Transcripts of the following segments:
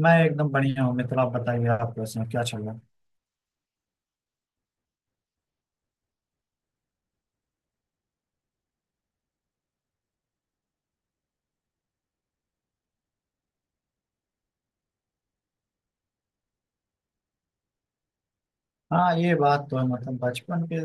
मैं एकदम बढ़िया हूँ मित्र। आप बताइए, आप कैसे हैं? क्या चल रहा है? हाँ, ये बात तो है। मतलब बचपन के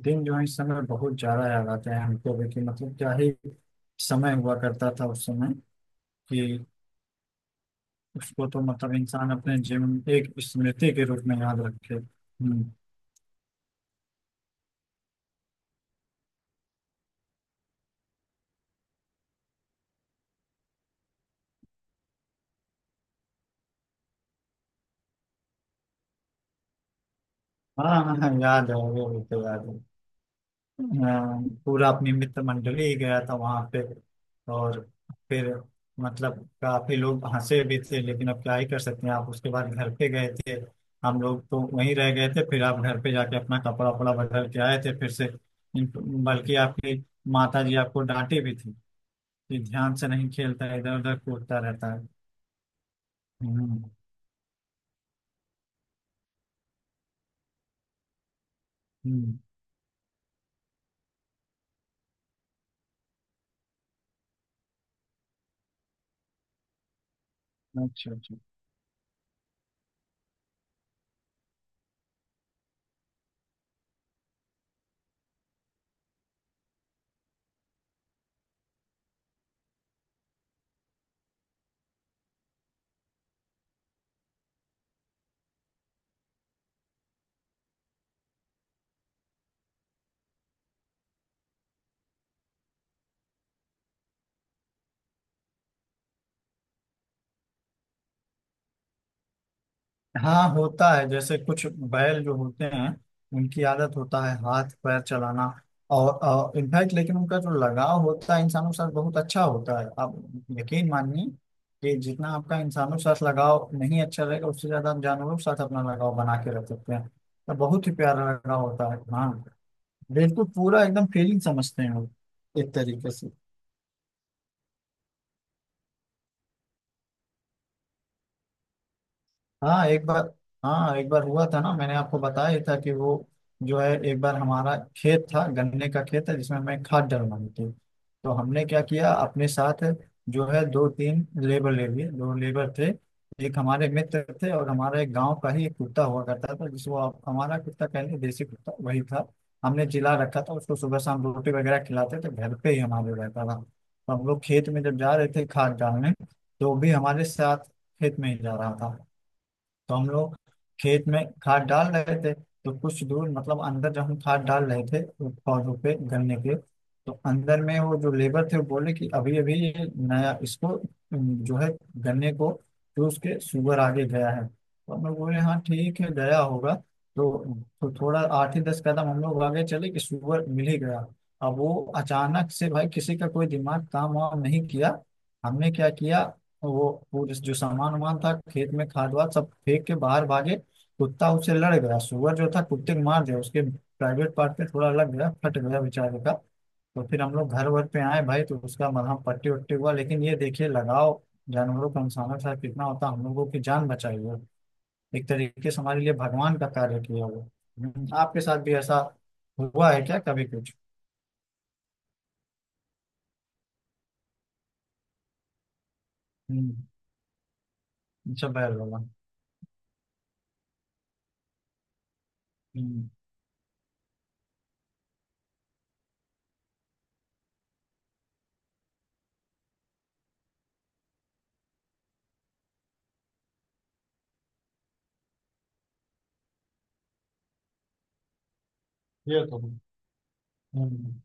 दिन जो है इस समय बहुत ज्यादा याद आते हैं हमको भी कि मतलब क्या ही समय हुआ करता था उस समय कि उसको तो मतलब इंसान अपने जीवन में एक स्मृति के रूप में याद रखे। हम्म। हाँ हाँ हाँ, याद है, वो भी तो याद है। अ, पूरा अपनी मित्र मंडली ही गया था वहां पे। और फिर मतलब काफी लोग हंसे भी थे, लेकिन अब क्या ही कर सकते हैं। आप उसके बाद घर पे गए थे, हम लोग तो वहीं रह गए थे। फिर आप घर पे जाके अपना कपड़ा वपड़ा बदल के आए थे फिर से। इन- बल्कि आपकी माता जी आपको डांटे भी थी कि ध्यान से नहीं खेलता, इधर उधर कूदता रहता है। हम्म। हम्म। अच्छा। अच्छा। हाँ, होता है जैसे कुछ बैल जो होते हैं, उनकी आदत होता है हाथ पैर चलाना। और इनफैक्ट लेकिन उनका जो लगाव होता है इंसानों के साथ बहुत अच्छा होता है। आप यकीन मानिए कि जितना आपका इंसानों के साथ लगाव नहीं अच्छा रहेगा, उससे ज्यादा आप जानवरों के साथ अपना लगाव बना के रख सकते हैं। तो बहुत ही प्यारा लगाव होता है। हाँ। बिल्कुल पूरा एकदम फीलिंग समझते हैं वो, एक तरीके से। हाँ, एक बार। हाँ, एक बार हुआ था ना, मैंने आपको बताया ही था कि वो जो है एक बार हमारा खेत था, गन्ने का खेत है जिसमें मैं खाद डलवानी थी। तो हमने क्या किया, अपने साथ जो है दो तीन लेबर ले लिए। दो लेबर थे, एक हमारे मित्र थे, और हमारे गांव का ही एक कुत्ता हुआ करता था जिसको हमारा कुत्ता कहते, देसी कुत्ता वही था। हमने जिला रखा था उसको, सुबह शाम रोटी वगैरह खिलाते थे, घर पे ही हमारे रहता था। तो हम लोग खेत में जब जा रहे थे खाद डालने, तो वो भी हमारे साथ खेत में ही जा रहा था। तो हम लोग खेत में खाद डाल रहे थे। तो कुछ दूर, मतलब अंदर जब हम खाद डाल रहे थे वो पौधों पे गन्ने के, तो अंदर में वो जो लेबर थे वो बोले कि अभी अभी ये नया, इसको जो है गन्ने को चूस के शुगर आगे गया है। तो हम लोग बोले हाँ ठीक है, गया होगा। तो, तो थोड़ा 8 ही 10 कदम हम लोग आगे चले कि शुगर मिल ही गया। अब वो अचानक से, भाई किसी का कोई दिमाग काम वाम नहीं किया। हमने क्या किया, तो वो जो सामान वामान था खेत में, खाद वाद सब फेंक के बाहर भागे। कुत्ता उससे लड़ गया, सुअर जो था कुत्ते को मार दिया, उसके प्राइवेट पार्ट पे थोड़ा लग गया, फट गया बेचारे का। तो फिर हम लोग घर वर पे आए भाई, तो उसका मलहम पट्टी वट्टी हुआ। लेकिन ये देखिए लगाओ, जानवरों का इंसानों के साथ कितना होता है, हम लोगों की जान बचाई है। एक तरीके से हमारे लिए भगवान का कार्य किया वो। हम्म। आपके साथ भी ऐसा हुआ है क्या कभी कुछ? हम्म। अच्छा, बैल वाला। हम्म। ये तो है। हम्म।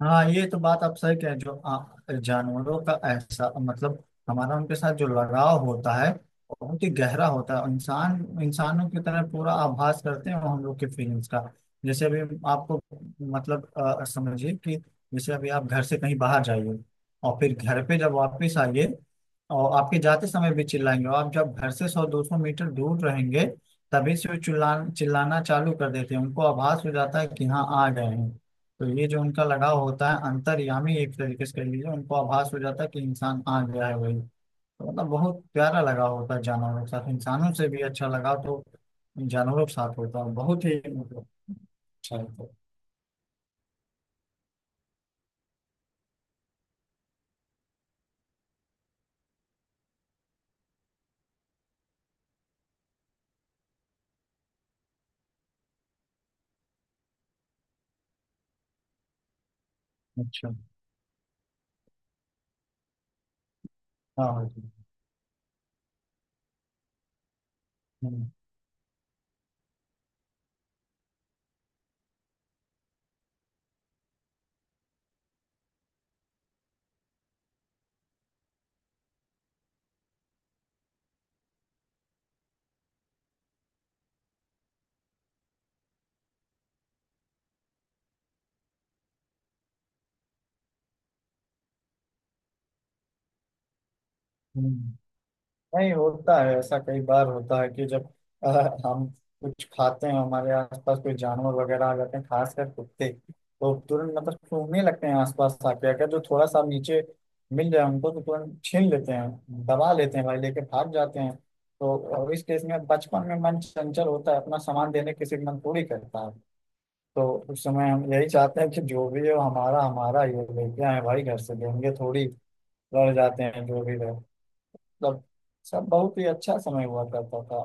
हाँ, ये तो बात आप सही कह रहे हैं। जो जानवरों का ऐसा, मतलब हमारा उनके साथ जो लगाव होता है वो बहुत ही गहरा होता है। इंसान, इंसानों की तरह पूरा आभास करते हैं वो हम लोग के फीलिंग्स का। जैसे अभी आपको, मतलब समझिए कि जैसे अभी आप घर से कहीं बाहर जाइए और फिर घर पे जब वापस आइए, और आपके जाते समय भी चिल्लाएंगे, और आप जब घर से 100-200 मीटर दूर रहेंगे तभी से वो चिल्ला चिल्लाना चालू कर देते हैं। उनको आभास हो जाता है कि हाँ आ गए हैं। तो ये जो उनका लगाव होता है, अंतर्यामी एक तरीके से कह लीजिए, उनको आभास हो जाता है कि इंसान आ गया है वही। तो मतलब बहुत प्यारा लगाव होता है जानवरों के साथ, इंसानों से भी अच्छा लगाव तो जानवरों के साथ होता है, बहुत ही मतलब अच्छा होता है तो। अच्छा। हाँ। हम्म। हम्म। नहीं, होता है ऐसा, कई बार होता है कि जब अ, हम कुछ खाते हैं हमारे आसपास कोई जानवर वगैरह आ जाते हैं, खासकर कुत्ते, तो तुरंत मतलब सूंघने लगते हैं। आसपास आके अगर जो थोड़ा सा नीचे मिल जाए उनको तो तुरंत छीन लेते हैं, दबा लेते हैं भाई, लेके भाग जाते हैं। तो और इस केस में बचपन में मन चंचल होता है, अपना सामान देने किसी का मन थोड़ी करता है। तो उस समय हम यही चाहते हैं कि जो भी हो, हमारा हमारा ये लेके आए भाई, घर से देंगे थोड़ी। लड़ जाते हैं जो भी रहे। मतलब सब बहुत ही अच्छा समय हुआ करता था,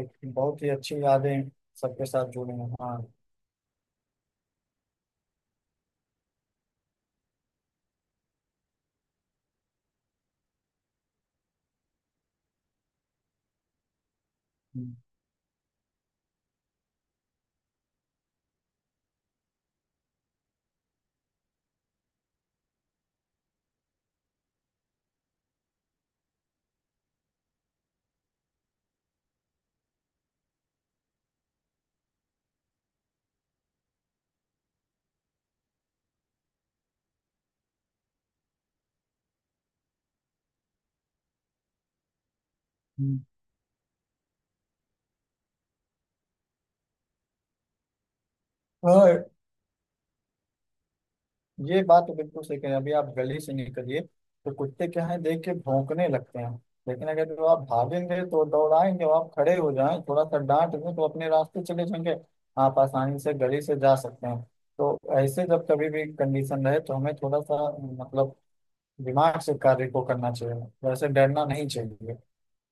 एक बहुत ही अच्छी यादें सबके साथ जुड़ी हैं। हाँ। हम्म। हम्म। और ये बात तो बिल्कुल सही कहें, अभी आप गली से निकलिए तो कुत्ते क्या है देख के भौंकने लगते हैं। लेकिन अगर जो आप भागेंगे तो दौड़ाएंगे, और आप खड़े हो जाएं, थोड़ा सा डांट दें तो अपने रास्ते चले जाएंगे। आप आसानी से गली से जा सकते हैं। तो ऐसे जब कभी भी कंडीशन रहे तो हमें थोड़ा सा मतलब दिमाग से कार्य को करना चाहिए, वैसे डरना नहीं चाहिए।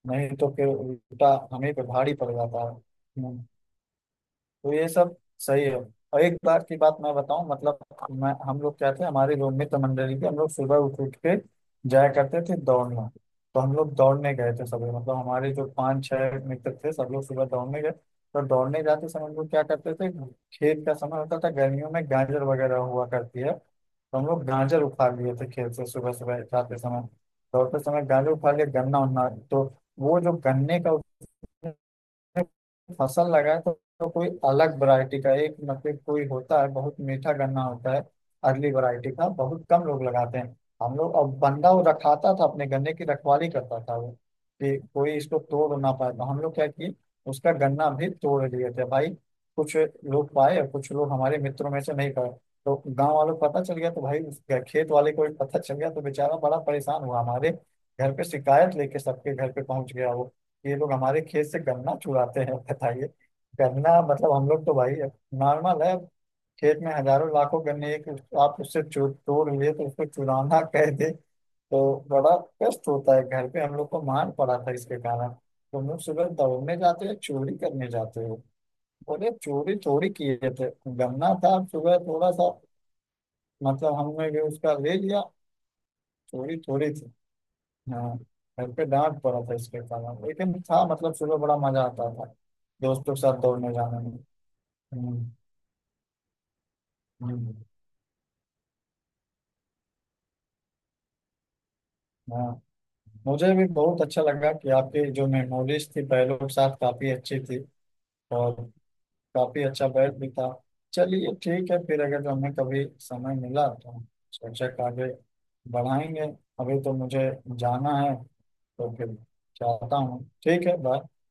नहीं तो फिर उल्टा हमें पे भारी पड़ जाता है। हम्म। तो ये सब सही है। और एक बार की बात मैं बताऊं, मतलब मैं, हम लोग क्या थे, हमारे लोग मित्र मंडली के हम लोग सुबह उठ उठ के जाया करते थे दौड़ना। तो हम लोग दौड़ने गए थे सब लोग, मतलब हमारे जो पांच छह मित्र थे सब लोग सुबह दौड़ने गए। तो दौड़ने जाते समय हम लोग क्या करते थे, खेत का समय होता था गर्मियों में, गाजर वगैरह हुआ करती है। तो हम लोग गाजर उखाड़ लिए थे खेत से सुबह सुबह जाते समय, दौड़ते समय गाजर उखाड़ लिए, गन्ना उन्ना। तो वो जो गन्ने का फसल लगाए, तो कोई अलग वैरायटी का एक, मतलब कोई होता है बहुत मीठा गन्ना होता है, अर्ली वैरायटी का, बहुत कम लोग लगाते हैं। हम लोग, अब बंदा वो रखाता था अपने गन्ने की रखवाली करता था वो, कि कोई इसको तोड़ ना पाए। तो हम लोग क्या किए, उसका गन्ना भी तोड़ लिए थे भाई। कुछ लोग पाए और कुछ लोग हमारे मित्रों में से नहीं पाए, तो गांव वालों को पता चल गया तो भाई उसके खेत वाले को भी पता चल गया तो बेचारा बड़ा परेशान हुआ, हमारे घर पे शिकायत लेके सबके घर पे पहुंच गया वो, ये लोग हमारे खेत से गन्ना चुराते हैं बताइए। गन्ना, मतलब हम लोग तो भाई नॉर्मल है, खेत में हजारों लाखों गन्ने, एक आप उससे तोड़ लिए तो उसको चुराना कह दे तो बड़ा कष्ट होता है। घर पे हम लोग को मार पड़ा था इसके कारण, तुम लोग सुबह दौड़ने जाते हो चोरी करने जाते हो। बोले चोरी थोड़ी किए थे, गन्ना था सुबह, थोड़ा सा मतलब हमने भी उसका ले लिया, चोरी थोड़ी थी। हाँ। घर पे डांट पड़ा था इसके कारण, लेकिन था मतलब सुबह बड़ा मजा आता था दोस्तों के साथ दौड़ने जाने में। हम्म। हम्म। हाँ, मुझे भी बहुत अच्छा लगा कि आपकी जो मेमोरीज थी पहलों के साथ काफी अच्छी थी। और काफी अच्छा बैठ भी था। चलिए ठीक है फिर, अगर हमें कभी समय मिला तो सोचा कि आगे बढ़ाएंगे। अभी तो मुझे जाना है, तो फिर जाता हूँ। ठीक है, बाय।